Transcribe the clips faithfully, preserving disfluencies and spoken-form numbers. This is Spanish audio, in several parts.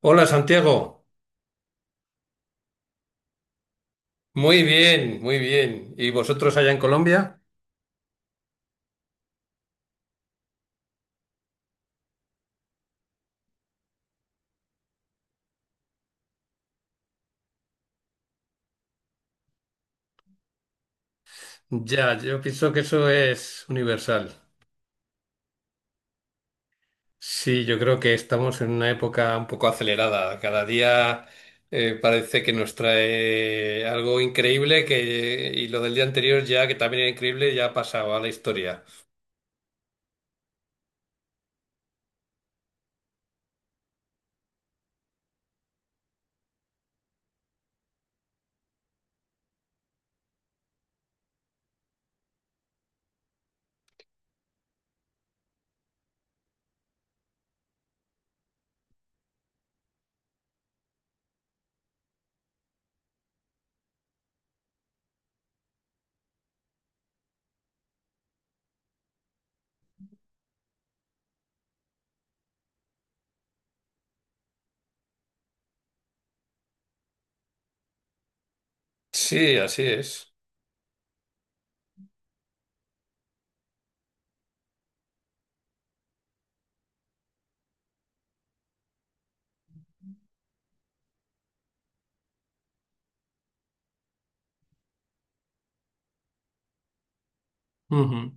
Hola Santiago, muy bien, muy bien. ¿Y vosotros allá en Colombia? Ya, yo pienso que eso es universal. Sí, yo creo que estamos en una época un poco acelerada. Cada día eh, parece que nos trae algo increíble que, y lo del día anterior ya, que también era increíble, ya ha pasado a la historia. Sí, así es. Ujú.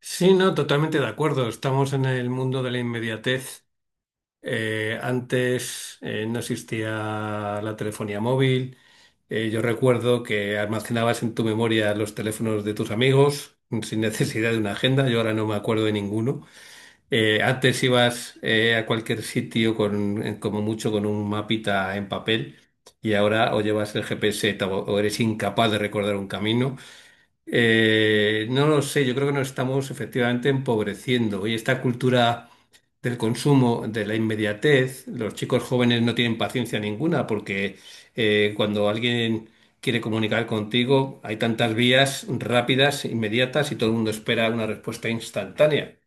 Sí, no, totalmente de acuerdo. Estamos en el mundo de la inmediatez. Eh, antes eh, no existía la telefonía móvil. Eh, yo recuerdo que almacenabas en tu memoria los teléfonos de tus amigos mm, sin necesidad de una agenda. Yo ahora no me acuerdo de ninguno. Eh, antes ibas eh, a cualquier sitio con, eh, como mucho con un mapita en papel, y ahora o llevas el G P S o, o eres incapaz de recordar un camino. Eh, no lo sé, yo creo que nos estamos efectivamente empobreciendo, y esta cultura del consumo, de la inmediatez. Los chicos jóvenes no tienen paciencia ninguna porque eh, cuando alguien quiere comunicar contigo hay tantas vías rápidas, inmediatas, y todo el mundo espera una respuesta instantánea.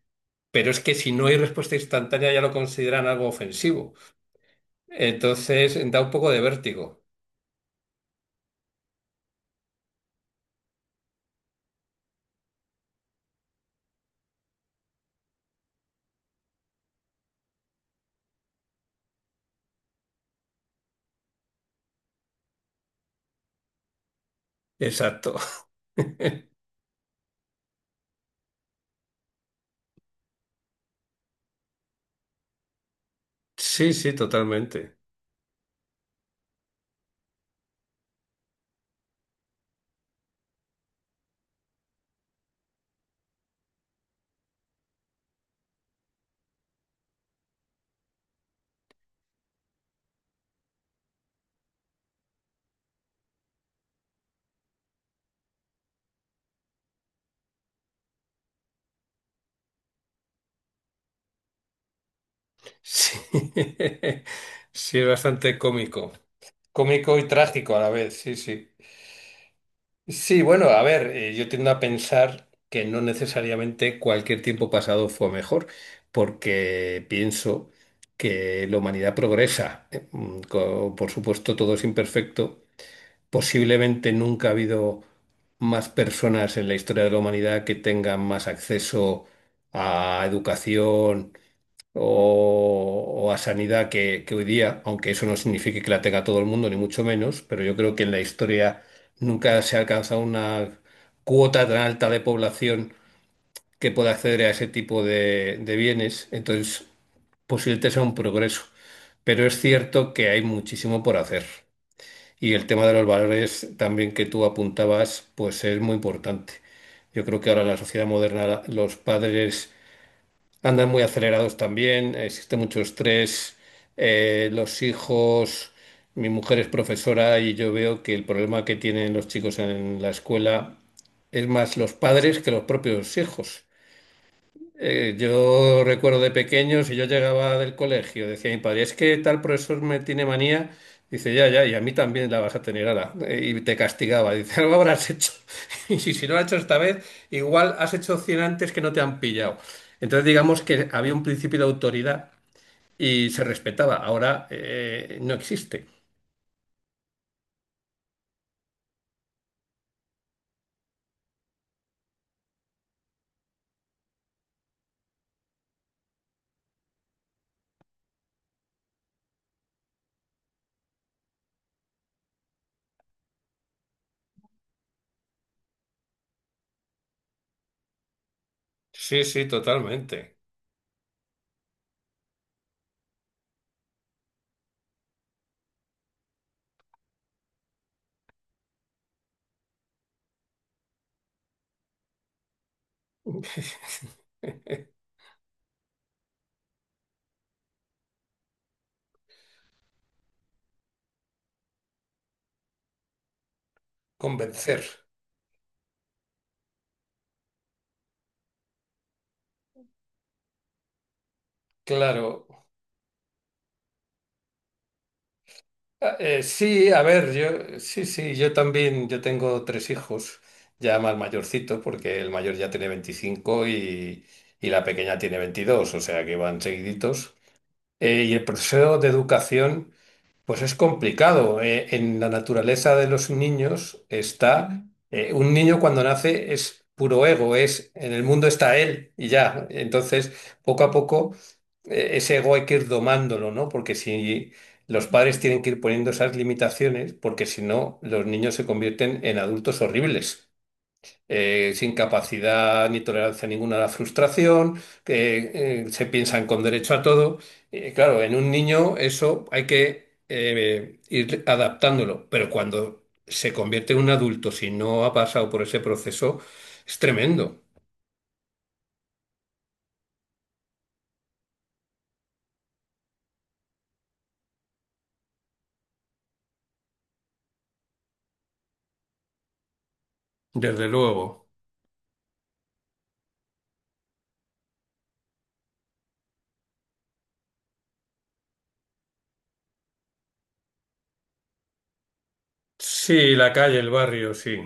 Pero es que si no hay respuesta instantánea ya lo consideran algo ofensivo. Entonces da un poco de vértigo. Exacto. Sí, sí, totalmente. Sí, sí, es bastante cómico. Cómico y trágico a la vez, sí, sí. Sí, bueno, a ver, eh, yo tiendo a pensar que no necesariamente cualquier tiempo pasado fue mejor, porque pienso que la humanidad progresa. eh, mm, co- Por supuesto, todo es imperfecto. Posiblemente nunca ha habido más personas en la historia de la humanidad que tengan más acceso a educación, o, o a sanidad que, que hoy día, aunque eso no signifique que la tenga todo el mundo, ni mucho menos, pero yo creo que en la historia nunca se ha alcanzado una cuota tan alta de población que pueda acceder a ese tipo de, de bienes. Entonces, posiblemente sea un progreso, pero es cierto que hay muchísimo por hacer. Y el tema de los valores también que tú apuntabas, pues es muy importante. Yo creo que ahora en la sociedad moderna los padres andan muy acelerados también, existe mucho estrés, eh, los hijos, mi mujer es profesora y yo veo que el problema que tienen los chicos en la escuela es más los padres que los propios hijos. Eh, yo recuerdo de pequeño, si yo llegaba del colegio, decía mi padre, es que tal profesor me tiene manía, dice, ya, ya, y a mí también la vas a tener, ala. Eh, y te castigaba, dice, algo habrás hecho, y si, si no lo has hecho esta vez, igual has hecho cien antes que no te han pillado. Entonces digamos que había un principio de autoridad y se respetaba, ahora eh, no existe. Sí, sí, totalmente. Convencer. Claro. Ah, Eh, sí, a ver, yo sí, sí, yo también, yo tengo tres hijos, ya más mayorcitos, porque el mayor ya tiene veinticinco y, y la pequeña tiene veintidós, o sea que van seguiditos. Eh, y el proceso de educación. Pues es complicado. Eh, en la naturaleza de los niños está, eh, un niño cuando nace es puro ego, es, en el mundo está él y ya. Entonces, poco a poco, eh, ese ego hay que ir domándolo, ¿no? Porque si los padres tienen que ir poniendo esas limitaciones, porque si no, los niños se convierten en adultos horribles, eh, sin capacidad ni tolerancia ninguna a la frustración, que eh, se piensan con derecho a todo. Eh, claro, en un niño eso hay que eh, ir adaptándolo, pero cuando se convierte en un adulto, si no ha pasado por ese proceso, es tremendo, desde luego. Sí, la calle, el barrio, sí.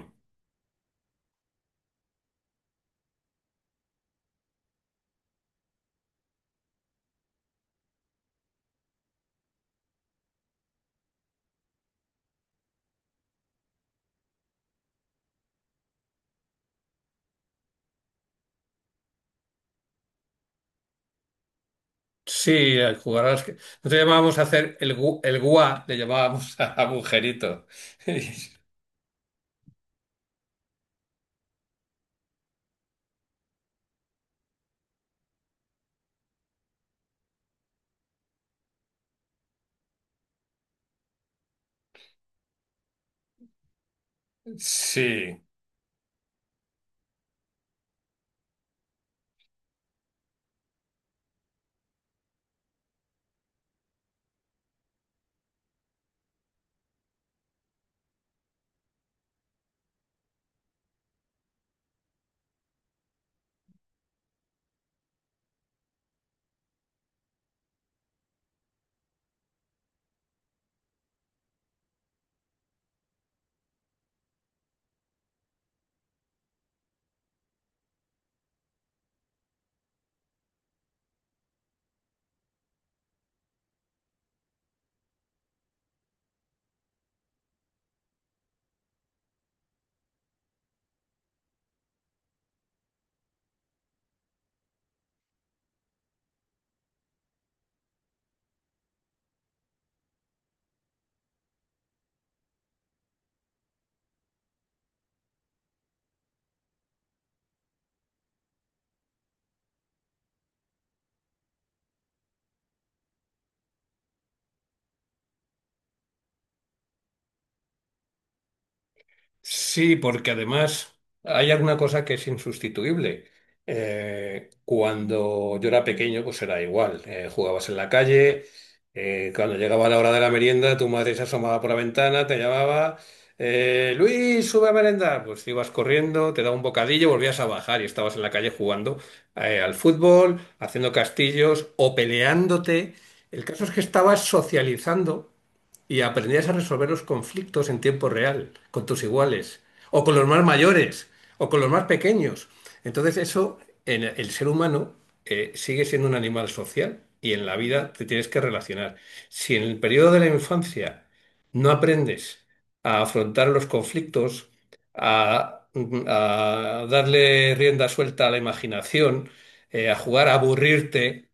Sí, al jugar a las... que- nosotros llamábamos a hacer el, gu- el guá, le llamábamos a agujerito. Sí. Sí, porque además hay alguna cosa que es insustituible. Eh, cuando yo era pequeño, pues era igual. Eh, jugabas en la calle, eh, cuando llegaba la hora de la merienda, tu madre se asomaba por la ventana, te llamaba, eh, Luis, sube a merendar. Pues ibas corriendo, te daba un bocadillo, volvías a bajar y estabas en la calle jugando eh, al fútbol, haciendo castillos o peleándote. El caso es que estabas socializando y aprendías a resolver los conflictos en tiempo real, con tus iguales, o con los más mayores, o con los más pequeños. Entonces eso, en el ser humano, eh, sigue siendo un animal social y en la vida te tienes que relacionar. Si en el periodo de la infancia no aprendes a afrontar los conflictos, a, a darle rienda suelta a la imaginación, eh, a jugar, a aburrirte,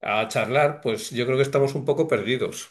a charlar, pues yo creo que estamos un poco perdidos.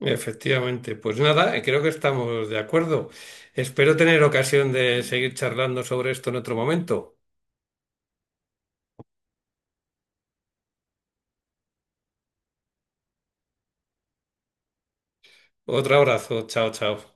Efectivamente, pues nada, eh, creo que estamos de acuerdo. Espero tener ocasión de seguir charlando sobre esto en otro momento. Otro abrazo, chao, chao.